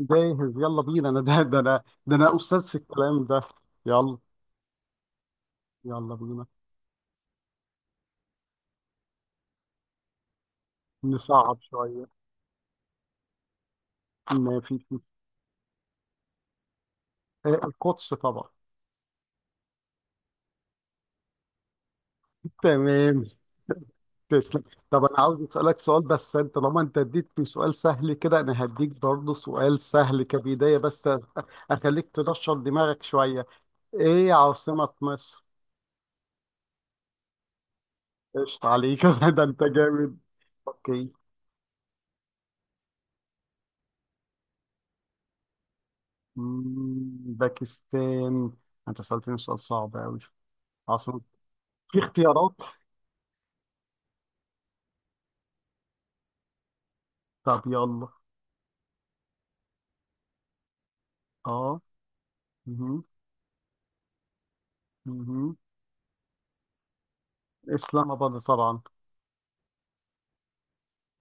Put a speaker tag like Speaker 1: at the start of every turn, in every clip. Speaker 1: جاهز، يلا بينا. انا ده استاذ في الكلام ده. يلا. يلا بينا. نصعب شويه. ما في آه، القدس طبعا. تمام. تسلم. طب انا عاوز اسالك سؤال، بس انت طالما انت اديتني سؤال سهل كده انا هديك برضه سؤال سهل كبدايه بس اخليك تنشط دماغك شويه. ايه عاصمه مصر؟ قشطة عليك ده انت جامد. اوكي. باكستان. انت سالتني سؤال صعب قوي. عاصمه. في اختيارات؟ طب يلا. اه. مهم. مهم. اسلام اباد طبعا.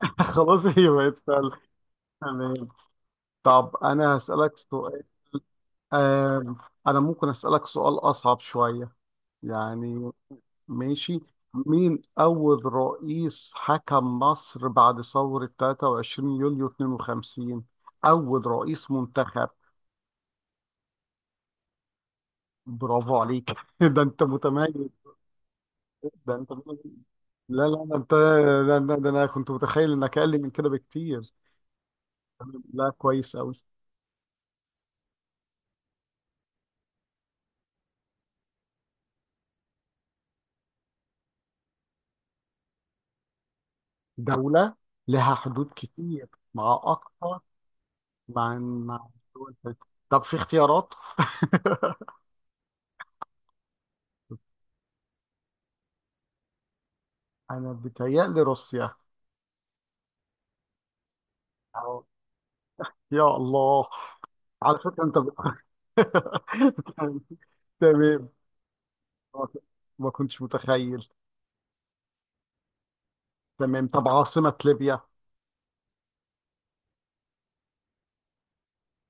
Speaker 1: خلاص هي بقت سهلة. تمام. طب انا هسألك سؤال. آم، انا ممكن أسألك سؤال اصعب شوية. يعني. ماشي. مين اول رئيس حكم مصر بعد ثورة 23 يوليو 52؟ اول رئيس منتخب. برافو عليك ده انت متميز. ده انت متميز. لا لا، ده انت. لا لا، ده انا كنت متخيل انك اقل من كده بكتير. لا، كويس أوي. دولة. لها حدود كتير. مع أكتر. مع دول تانية. طب في اختيارات. أنا بتهيألي روسيا. أو- يا الله. على فكرة أنت بت... تمام. ما كنتش متخيل. تمام. طب عاصمة ليبيا.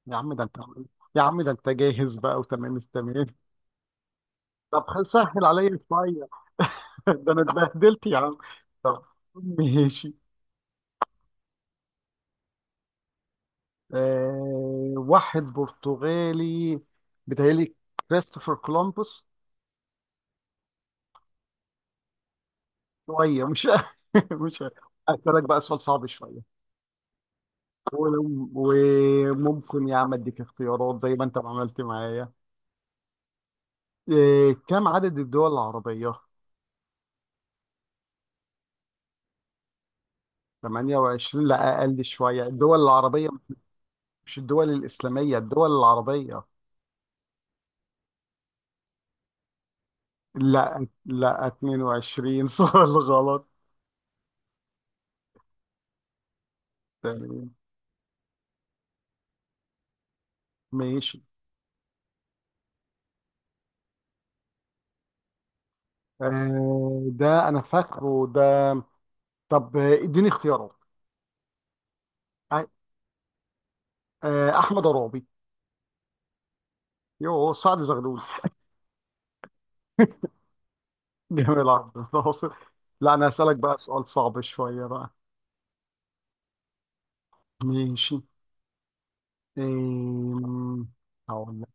Speaker 1: يا عم ده أنت يا عم ده أنت جاهز بقى وتمام التمام. طب سهل عليا شوية. ده أنا اتبهدلت يا عم. طب. ماشي. واحد برتغالي بيتهيألي، كريستوفر كولومبوس. شوية مش مش. أسألك بقى سؤال صعب شوية. وممكن يا عم أديك اختيارات زي ما أنت ما عملت معايا. كم عدد الدول العربية؟ 28، لا أقل شوية. الدول العربية مش الدول الإسلامية، الدول العربية. لا لا، 22 سؤال غلط. تمام. ماشي. ده أنا فاكره ده. طب اديني اختيارات. آه، احمد عرابي. يوه، سعد زغلول. جميل عبد الناصر. لا، انا هسألك بقى سؤال صعب شوية بقى. ماشي. آم، هقول لك.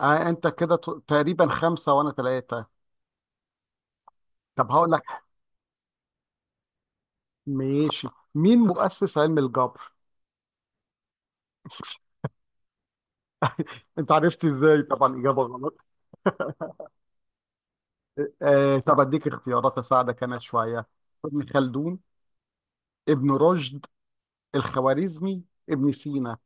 Speaker 1: انت كده تقريبا خمسة وانا ثلاثة. طب هقول لك. ماشي. مين مؤسس علم الجبر؟ انت عرفت ازاي؟ طبعا اجابة غلط. طب اديك اختيارات، اساعدك انا شوية. ابن خلدون. ابن رشد. الخوارزمي. ابن سينا.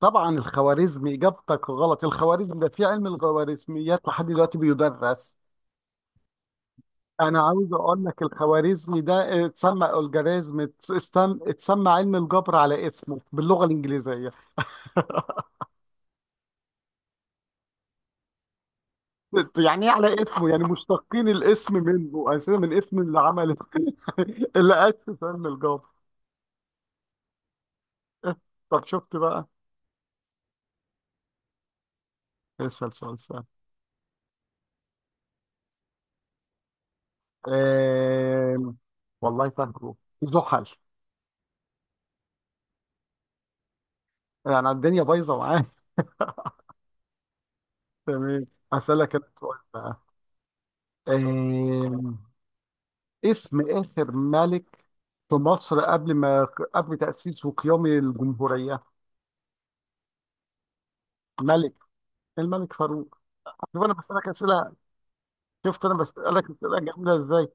Speaker 1: طبعا الخوارزمي اجابتك غلط. الخوارزمي ده في علم الخوارزميات لحد دلوقتي بيدرس. انا عاوز اقول لك الخوارزمي ده اتسمى الجوريزم، اتسمى علم الجبر على اسمه باللغه الانجليزيه. يعني ايه على اسمه؟ يعني مشتقين الاسم منه اساسا من اسم اللي عمل اللي اسس علم الجبر. طب شفت بقى. اسال سؤال سهل. آم، والله فاكره. زحل. يعني الدنيا بايظه معايا. تمام. اسالك انا سؤال. آه، اسم آخر ملك في مصر قبل ما قبل تأسيس وقيام الجمهورية. ملك الملك فاروق. شوف أنا بسألك أسئلة. شفت أنا بسألك أسئلة جامدة إزاي.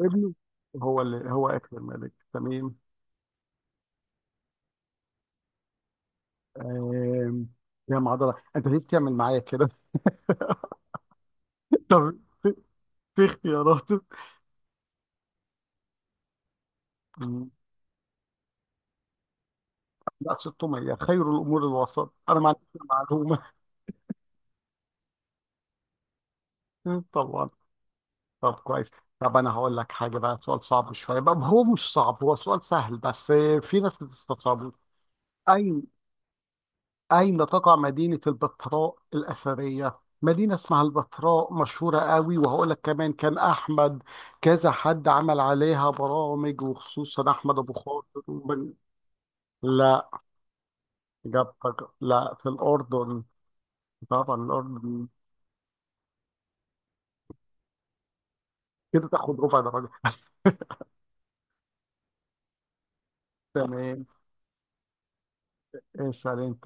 Speaker 1: ابنه. هو آخر ملك. تمام. آم، يا معضلة أنت ليه بتعمل معايا كده؟ طب في اختيارات. لا، 600 خير الأمور الوسط. أنا ما عنديش معلومة. طبعا. طب كويس. طب انا هقول لك حاجه بقى. سؤال صعب شويه بقى، هو مش صعب، هو سؤال سهل بس في ناس بتستصعبه. اين. اين تقع مدينه البتراء الاثريه؟ مدينه اسمها البتراء مشهوره قوي، وهقول لك كمان، كان احمد، كذا حد عمل عليها برامج وخصوصا احمد ابو خاطر لا اجابتك. لا، في الاردن. طبعا الاردن. كده تاخد ربع درجه. تمام. اسال انت.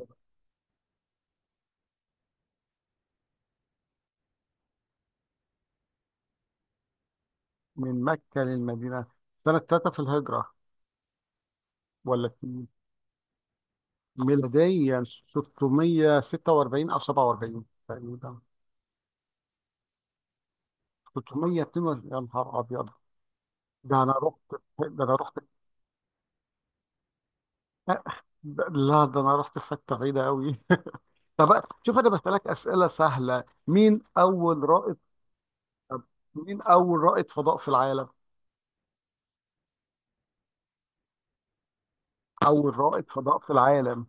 Speaker 1: من مكه للمدينه. سنه 3 في الهجره؟ ولا ميلاديا؟ 646 او 47 تقريبا. 642 يا نهار ابيض. ده انا رحت ده انا رحت ده- لا، ده انا رحت في حته بعيده قوي. طب شوف انا بسالك اسئله سهله. مين اول رائد فضاء في العالم؟ اول رائد فضاء في العالم.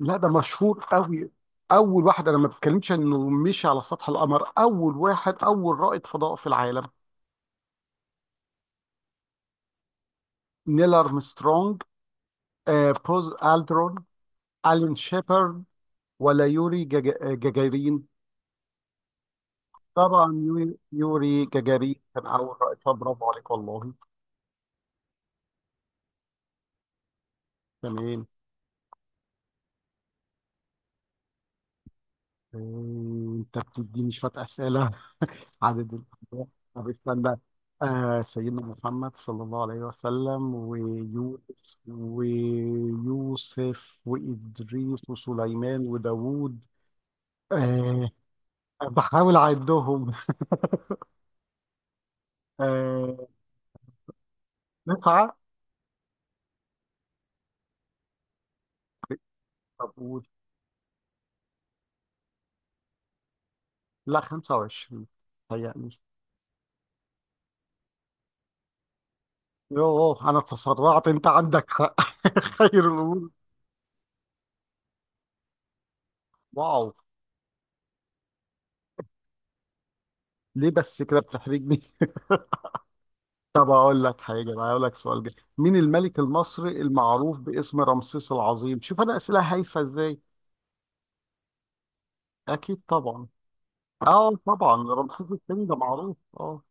Speaker 1: لا ده مشهور قوي. اول واحد انا ما بتكلمش انه مشي على سطح القمر. اول رائد فضاء في العالم. نيل ارمسترونج. آه، بوز الدرون. ألين شيبرد. ولا يوري جاجارين. طبعا يوري جاجارين كان أول رئيس. برافو عليك والله. تمام. آه، أنت بتديني شوية أسئلة. عدد الأنبياء. طب استنى. سيدنا محمد صلى الله عليه وسلم، ويونس ويوسف وإدريس وسليمان وداوود. آه بحاول أعدهم. آه تسعة. طب قول. لا، 25. هيأ. يوه، انا تسرعت، انت عندك حق. خير الامور. واو. ليه بس كده بتحرجني؟ طب اقول لك حاجه بقى. اقول لك سؤال جاي. مين الملك المصري المعروف باسم رمسيس العظيم؟ شوف انا اسئله هايفه ازاي. اكيد طبعا. اه طبعا رمسيس الثاني ده معروف. اه.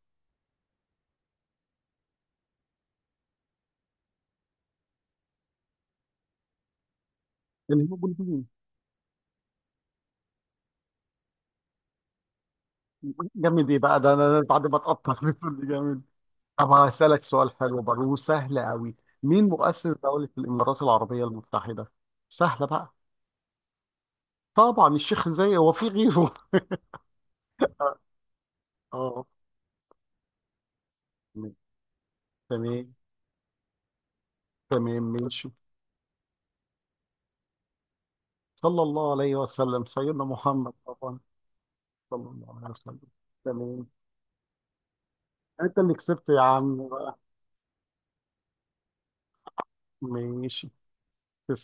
Speaker 1: الهيروغليفيين. جامد ايه بقى؟ ده انا بعد ما اتقطع بيقول لي جامد. طب هسالك سؤال حلو برضه وسهل قوي. مين مؤسس دوله الامارات العربيه المتحده؟ سهله بقى. طبعا الشيخ زايد، هو في غيره؟ اه. تمام. تمام ماشي. صلى الله عليه وسلم سيدنا محمد طبعا. صلى الله عليه وسلم. تمام. انت اللي كسبت يا عم بقى. ماشي.